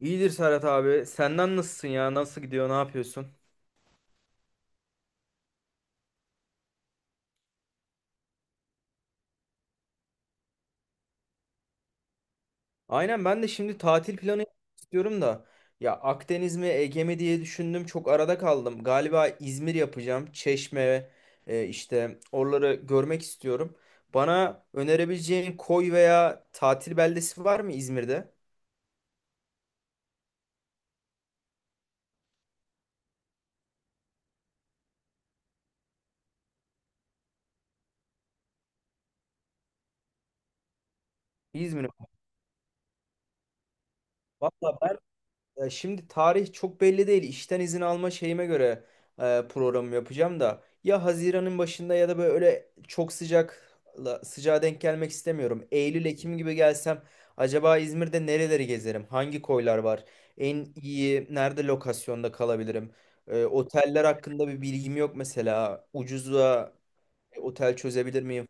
İyidir Serhat abi. Senden nasılsın ya? Nasıl gidiyor? Ne yapıyorsun? Aynen ben de şimdi tatil planı istiyorum da. Ya Akdeniz mi Ege mi diye düşündüm. Çok arada kaldım. Galiba İzmir yapacağım. Çeşme, işte oraları görmek istiyorum. Bana önerebileceğin koy veya tatil beldesi var mı İzmir'de? İzmir'e. Valla, ya şimdi tarih çok belli değil. İşten izin alma şeyime göre programı yapacağım da ya Haziran'ın başında ya da böyle çok sıcağa denk gelmek istemiyorum. Eylül, Ekim gibi gelsem acaba İzmir'de nereleri gezerim? Hangi koylar var? En iyi nerede lokasyonda kalabilirim? E, oteller hakkında bir bilgim yok mesela. Ucuza otel çözebilir miyim?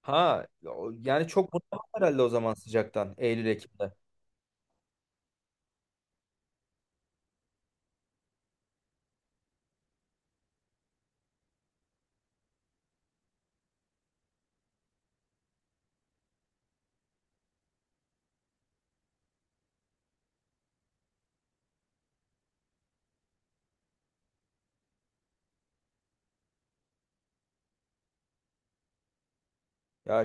Ha, yani çok bunaldım herhalde o zaman sıcaktan Eylül, Ekim'de. Ya,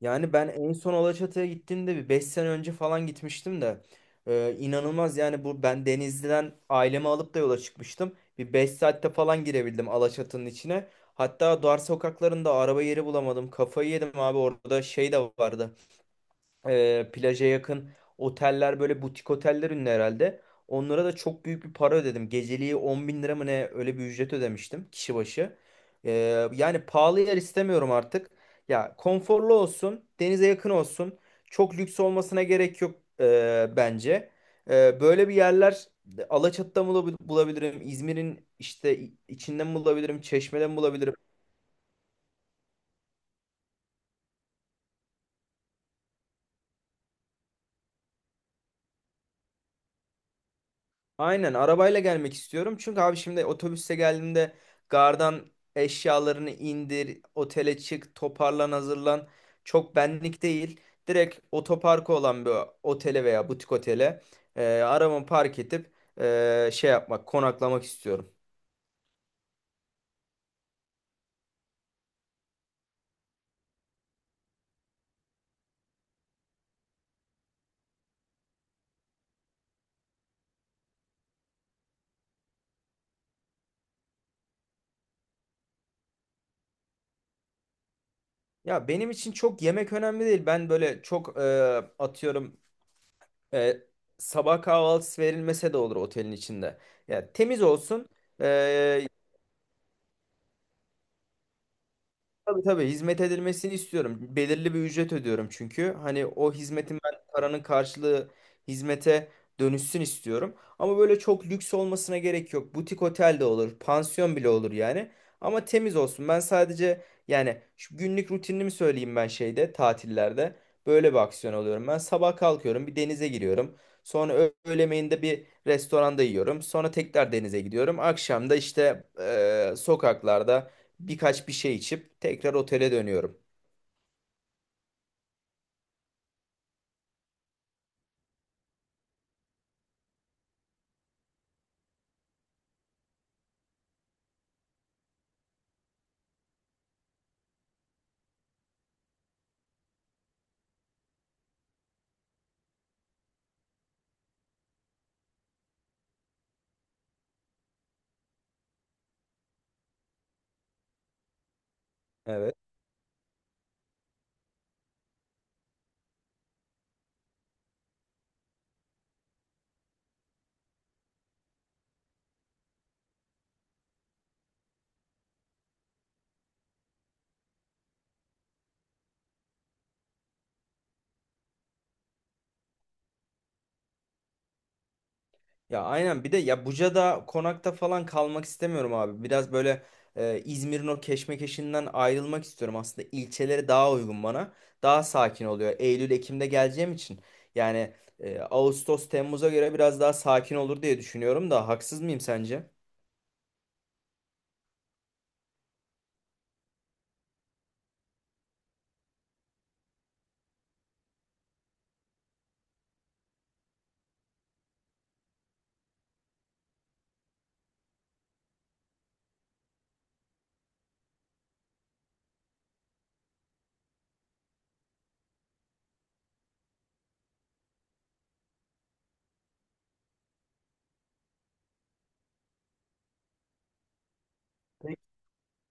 yani ben en son Alaçatı'ya gittiğimde bir 5 sene önce falan gitmiştim de, inanılmaz yani bu ben Denizli'den ailemi alıp da yola çıkmıştım. Bir 5 saatte falan girebildim Alaçatı'nın içine. Hatta dar sokaklarında araba yeri bulamadım. Kafayı yedim abi, orada şey de vardı, plaja yakın oteller böyle butik oteller ünlü herhalde. Onlara da çok büyük bir para ödedim. Geceliği 10 bin lira mı ne, öyle bir ücret ödemiştim kişi başı. E, yani pahalı yer istemiyorum artık. Ya konforlu olsun, denize yakın olsun. Çok lüks olmasına gerek yok, bence. E, böyle bir yerler Alaçatı'da mı bulabilirim? İzmir'in işte içinde mi bulabilirim? Çeşme'de mi bulabilirim? Aynen arabayla gelmek istiyorum. Çünkü abi şimdi otobüste geldiğimde gardan eşyalarını indir, otele çık, toparlan, hazırlan. Çok benlik değil. Direkt otoparkı olan bir otele veya butik otele arabamı park edip, şey yapmak, konaklamak istiyorum. Ya benim için çok yemek önemli değil. Ben böyle çok, atıyorum, e, sabah kahvaltısı verilmese de olur otelin içinde. Ya temiz olsun. e, Tabii tabii hizmet edilmesini istiyorum. Belirli bir ücret ödüyorum çünkü. Hani o hizmetin ben paranın karşılığı hizmete dönüşsün istiyorum. Ama böyle çok lüks olmasına gerek yok. Butik otel de olur, pansiyon bile olur yani. Ama temiz olsun. Ben sadece yani şu günlük rutinimi söyleyeyim ben şeyde tatillerde. Böyle bir aksiyon alıyorum. Ben sabah kalkıyorum, bir denize giriyorum. Sonra öğle yemeğinde bir restoranda yiyorum. Sonra tekrar denize gidiyorum. Akşam da işte sokaklarda birkaç bir şey içip tekrar otele dönüyorum. Evet. Ya aynen bir de ya Buca'da konakta falan kalmak istemiyorum abi. Biraz böyle İzmir'in o keşmekeşinden ayrılmak istiyorum. Aslında ilçeleri daha uygun bana. Daha sakin oluyor. Eylül, Ekim'de geleceğim için. Yani, Ağustos, Temmuz'a göre biraz daha sakin olur diye düşünüyorum da haksız mıyım sence?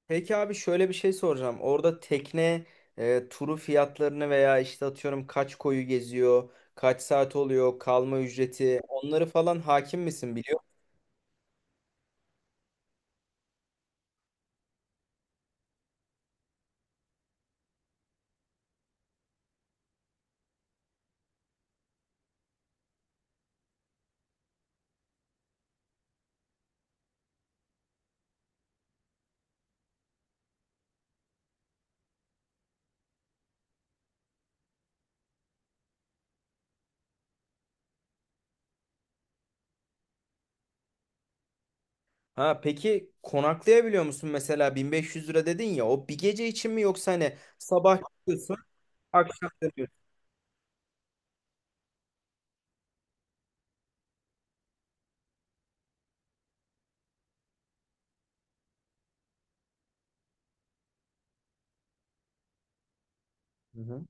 Peki abi şöyle bir şey soracağım. Orada tekne turu fiyatlarını veya işte atıyorum kaç koyu geziyor, kaç saat oluyor, kalma ücreti onları falan hakim misin biliyor musun? Ha peki konaklayabiliyor musun mesela 1500 lira dedin ya, o bir gece için mi yoksa hani sabah çıkıyorsun, akşam dönüyorsun? Hı hı.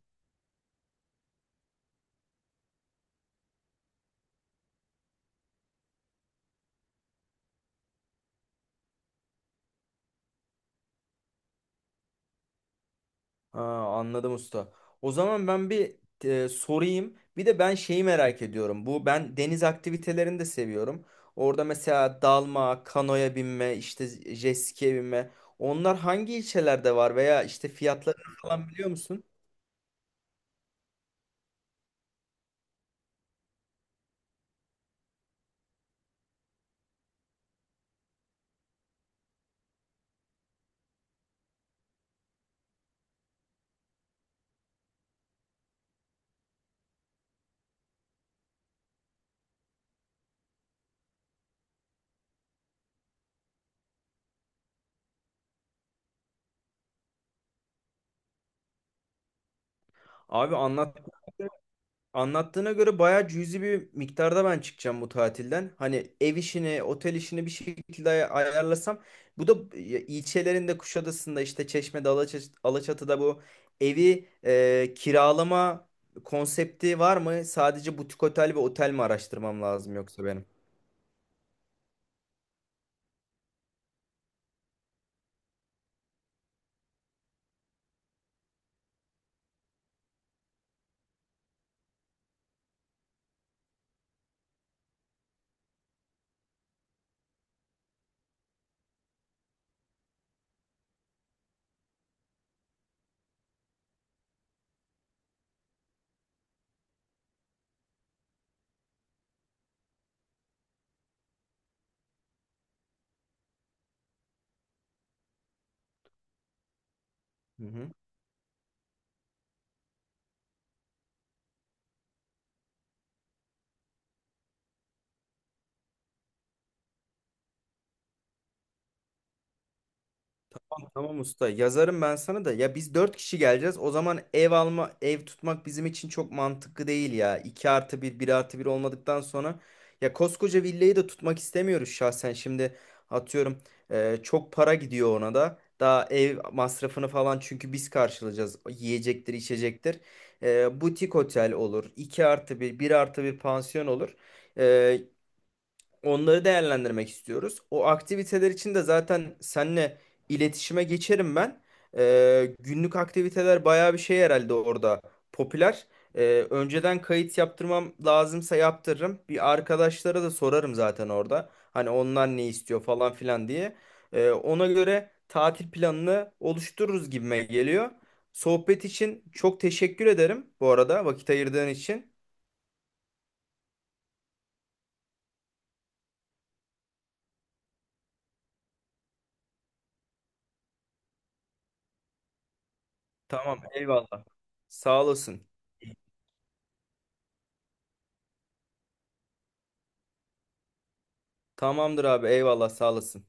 Ha, anladım usta. O zaman ben bir sorayım. Bir de ben şeyi merak ediyorum. Bu ben deniz aktivitelerini de seviyorum. Orada mesela dalma, kanoya binme, işte jet ski'ye binme. Onlar hangi ilçelerde var veya işte fiyatlarını falan biliyor musun? Abi anlat. Anlattığına göre bayağı cüzi bir miktarda ben çıkacağım bu tatilden. Hani ev işini, otel işini bir şekilde ayarlasam. Bu da ilçelerinde Kuşadası'nda işte Çeşme'de, Alaçatı'da bu evi kiralama konsepti var mı? Sadece butik otel ve otel mi araştırmam lazım yoksa benim? Hı hı. Tamam tamam usta. Yazarım ben sana da. Ya biz dört kişi geleceğiz. O zaman ev alma, ev tutmak bizim için çok mantıklı değil ya. 2 artı bir, bir artı bir olmadıktan sonra. Ya koskoca villayı da tutmak istemiyoruz şahsen. Şimdi atıyorum, çok para gidiyor ona da. Daha ev masrafını falan çünkü biz karşılayacağız. Yiyecektir, içecektir. E, butik otel olur. 2 artı bir, bir artı bir pansiyon olur. E, onları değerlendirmek istiyoruz. O aktiviteler için de zaten seninle iletişime geçerim ben. Günlük aktiviteler bayağı bir şey herhalde orada popüler. Önceden kayıt yaptırmam lazımsa yaptırırım. Bir arkadaşlara da sorarım zaten orada. Hani onlar ne istiyor falan filan diye. Ona göre tatil planını oluştururuz gibime geliyor. Sohbet için çok teşekkür ederim bu arada vakit ayırdığın için. Tamam, eyvallah. Sağ olasın. Tamamdır abi eyvallah sağ olasın.